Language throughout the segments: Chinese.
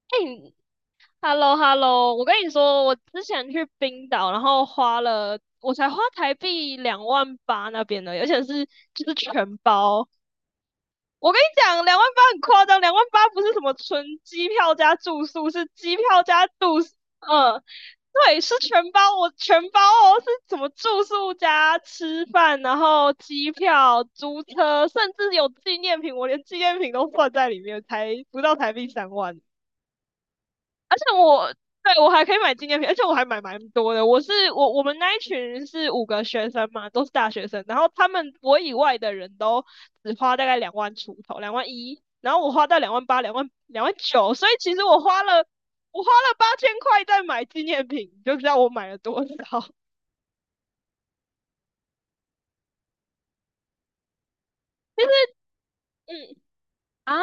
hello hello 我跟你说，我之前去冰岛，然后花了，我才花台币两万八那边的，而且就是全包。我跟你讲，两万八很夸张，两万八不是什么纯机票加住宿，是机票加住宿。嗯，对，是全包，我全包哦，是什么住宿加吃饭，然后机票、租车，甚至有纪念品，我连纪念品都算在里面，才不到台币3万。我对我还可以买纪念品，而且我还买蛮多的。我是我我们那一群是五个学生嘛，都是大学生，然后他们我以外的人都只花大概两万出头，2万1，然后我花到两万八、两万九，所以其实我花了8000块在买纪念品，你就知道我买了多少。其实嗯啊，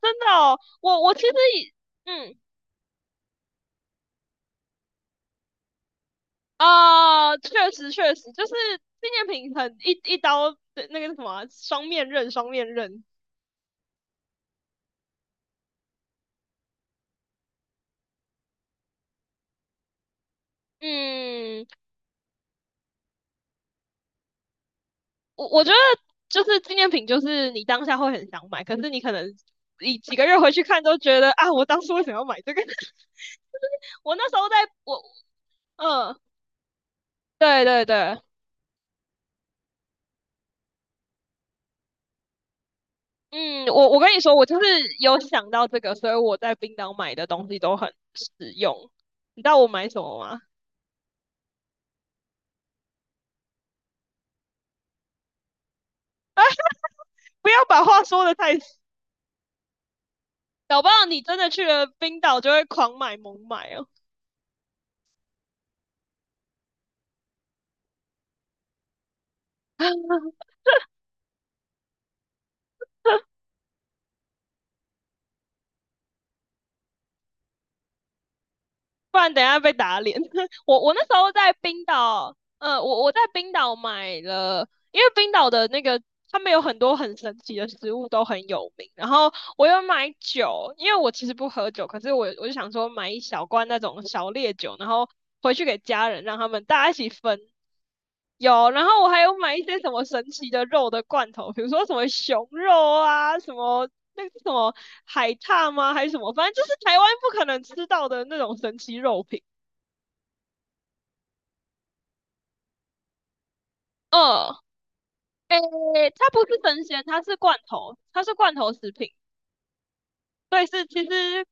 真的哦，我其实以嗯啊，确实确实就是纪念品很一刀。那个什么啊双面刃，双面刃。嗯，我觉得就是纪念品，就是你当下会很想买，可是你可能你几个月回去看都觉得啊，我当初为什么要买这个？我那时候在我嗯，对对对。嗯，我跟你说，我就是有想到这个，所以我在冰岛买的东西都很实用。你知道我买什么吗？不要把话说的太死，搞不好你真的去了冰岛就会狂买猛买哦。不然等一下被打脸。我那时候在冰岛，我在冰岛买了，因为冰岛的那个他们有很多很神奇的食物都很有名。然后我有买酒，因为我其实不喝酒，可是我就想说买一小罐那种小烈酒，然后回去给家人，让他们大家一起分。有，然后我还有买一些什么神奇的肉的罐头，比如说什么熊肉啊，什么海獭吗？还是什么？反正就是台湾不可能吃到的那种神奇肉品。哦，诶，它不是生鲜，它是罐头，它是罐头食品。对，是其实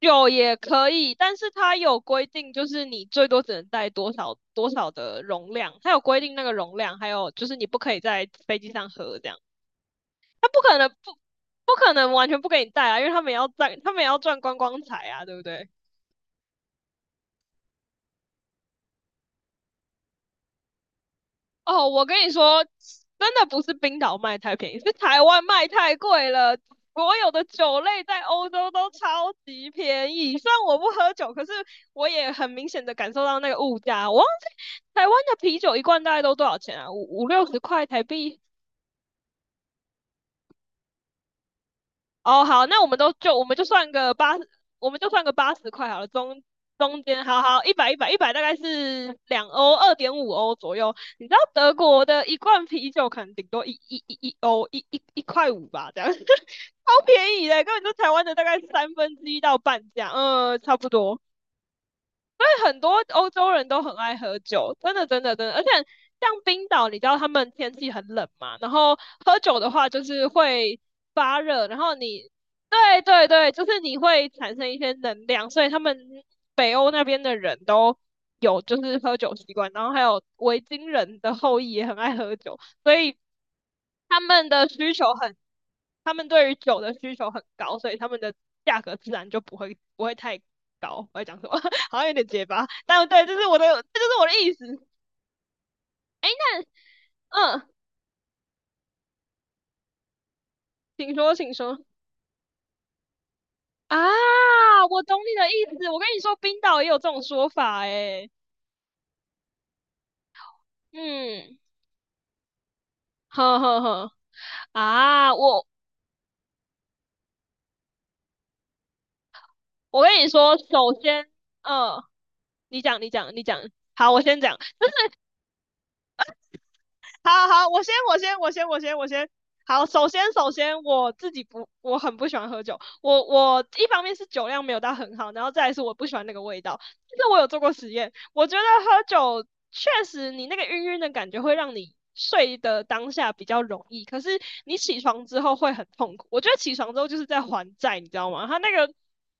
有也可以，但是它有规定，就是你最多只能带多少多少的容量，它有规定那个容量，还有就是你不可以在飞机上喝这样。它不可能不不可能完全不给你带啊，因为他们也要赚，他们也要赚观光财啊，对不对？哦，我跟你说，真的不是冰岛卖太便宜，是台湾卖太贵了。所有的酒类在欧洲都超级便宜，虽然我不喝酒，可是我也很明显的感受到那个物价。我忘记台湾的啤酒一罐大概都多少钱啊？五六十块台币。哦，好，那我们都就我们就算个八，我们就算个80块好了。中间，好好，一百大概是2欧，2.5欧左右。你知道德国的一罐啤酒可能顶多一欧，一块五吧，这样 超便宜的，根本就台湾的大概1/3到半价，嗯，差不多。很多欧洲人都很爱喝酒，真的真的真的，而且像冰岛，你知道他们天气很冷嘛，然后喝酒的话就是会发热。然后你对对对，就是你会产生一些能量，所以他们北欧那边的人都有就是喝酒习惯，然后还有维京人的后裔也很爱喝酒，所以他们的需求很，他们对于酒的需求很高，所以他们的价格自然就不会太高。我在讲什么？好像有点结巴，但对，这就是我的意思。嗯，请说，请说。啊，我懂你的意思。我跟你说，冰岛也有这种说法诶。嗯，呵呵呵。啊，我我跟你说，首先，嗯，你讲，你讲，你讲。好，我先讲。好好，我先，我先，我先，我先，我先。好，首先我自己不，我很不喜欢喝酒。我一方面是酒量没有到很好，然后再来是我不喜欢那个味道。但是我有做过实验，我觉得喝酒确实你那个晕晕的感觉会让你睡的当下比较容易，可是你起床之后会很痛苦。我觉得起床之后就是在还债，你知道吗？他那个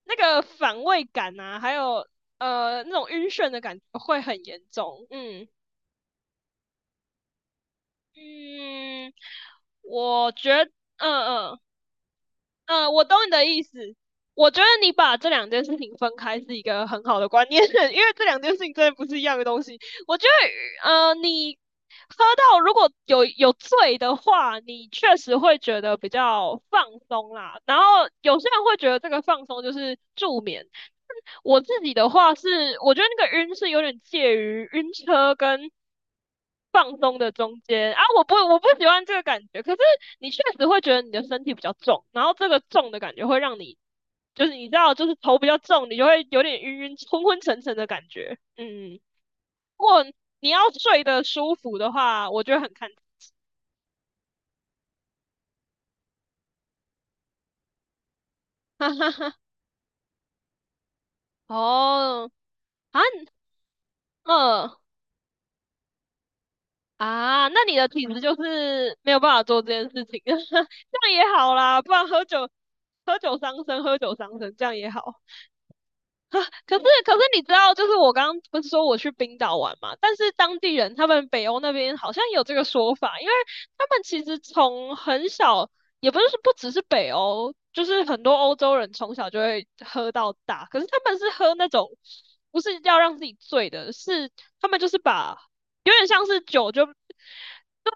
那个反胃感啊，还有那种晕眩的感觉会很严重。嗯，嗯，我觉得嗯嗯嗯，我懂你的意思。我觉得你把这两件事情分开是一个很好的观念，因为这两件事情真的不是一样的东西。我觉得，你喝到如果有醉的话，你确实会觉得比较放松啦。然后有些人会觉得这个放松就是助眠，我自己的话是，我觉得那个晕是有点介于晕车跟放松的中间啊，我不喜欢这个感觉，可是你确实会觉得你的身体比较重，然后这个重的感觉会让你就是你知道就是头比较重，你就会有点晕晕昏昏沉沉的感觉。嗯，如果你要睡得舒服的话，我觉得很看。哈哈哈。哦，啊，嗯、啊，那你的体质就是没有办法做这件事情，这样也好啦，不然喝酒喝酒伤身，喝酒伤身，这样也好。可是可是你知道，就是我刚刚不是说我去冰岛玩嘛，但是当地人他们北欧那边好像有这个说法，因为他们其实从很小，也不是不只是北欧，就是很多欧洲人从小就会喝到大，可是他们是喝那种不是要让自己醉的，是他们就是把有点像是酒就。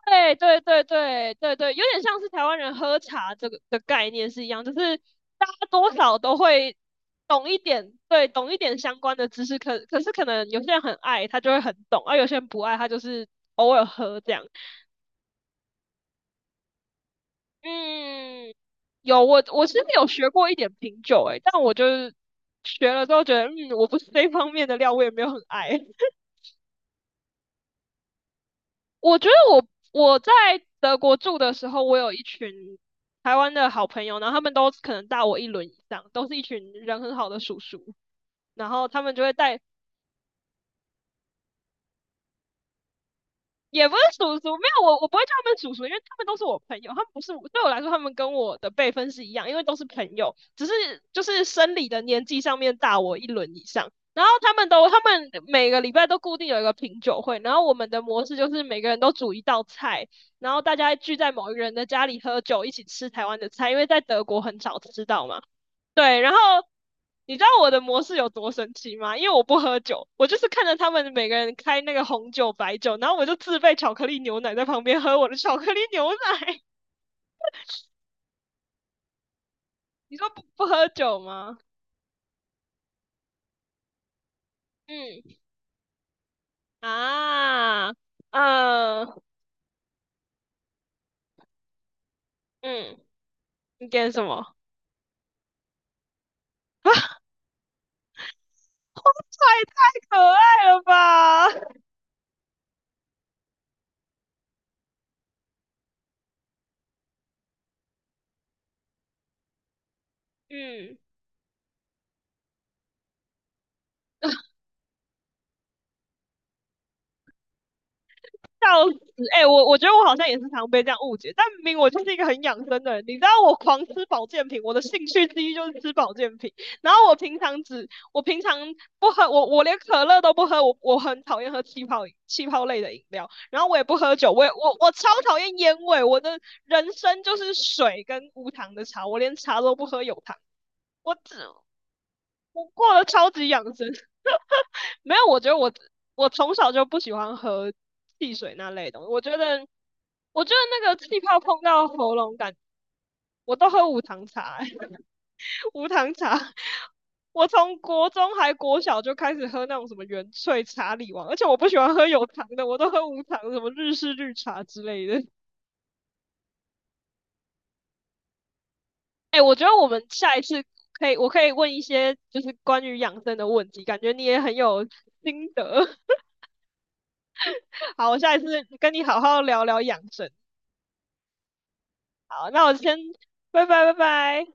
对对对对对对，有点像是台湾人喝茶这个的概念是一样，就是大家多少都会懂一点，对，懂一点相关的知识。可是可能有些人很爱，他就会很懂；而、有些人不爱，他就是偶尔喝这样。嗯，有我其实有学过一点品酒、欸，诶，但我就是学了之后觉得，嗯，我不是这一方面的料，我也没有很爱。我觉得我我在德国住的时候，我有一群台湾的好朋友，然后他们都可能大我一轮以上，都是一群人很好的叔叔，然后他们就会带也不是叔叔，没有我，我不会叫他们叔叔，因为他们都是我朋友，他们不是我对我来说，他们跟我的辈分是一样，因为都是朋友，只是就是生理的年纪上面大我一轮以上。然后他们每个礼拜都固定有一个品酒会，然后我们的模式就是每个人都煮一道菜，然后大家聚在某一个人的家里喝酒，一起吃台湾的菜，因为在德国很少吃到嘛。对，然后你知道我的模式有多神奇吗？因为我不喝酒，我就是看着他们每个人开那个红酒、白酒，然后我就自备巧克力牛奶在旁边喝我的巧克力牛奶。你说不喝酒吗？嗯啊，嗯嗯，你点什么？哇塞，太可爱了吧！嗯。笑死！哎、欸我觉得我好像也是常被这样误解，但明明我就是一个很养生的人，你知道我狂吃保健品，我的兴趣之一就是吃保健品。然后我平常不喝，我连可乐都不喝，我很讨厌喝气泡类的饮料，然后我也不喝酒，我也我我超讨厌烟味，我的人生就是水跟无糖的茶，我连茶都不喝有糖，我只我过得超级养生。没有，我觉得我从小就不喜欢喝汽水那类的我觉得那个气泡碰到喉咙感，我都喝无糖茶、欸，无糖茶。我从国中还国小就开始喝那种什么原萃茶里王，而且我不喜欢喝有糖的，我都喝无糖，什么日式绿茶之类的。哎、欸我觉得我们下一次可以，我可以问一些就是关于养生的问题，感觉你也很有心得。好，我下一次跟你好好聊聊养生。好，那我先拜拜拜拜。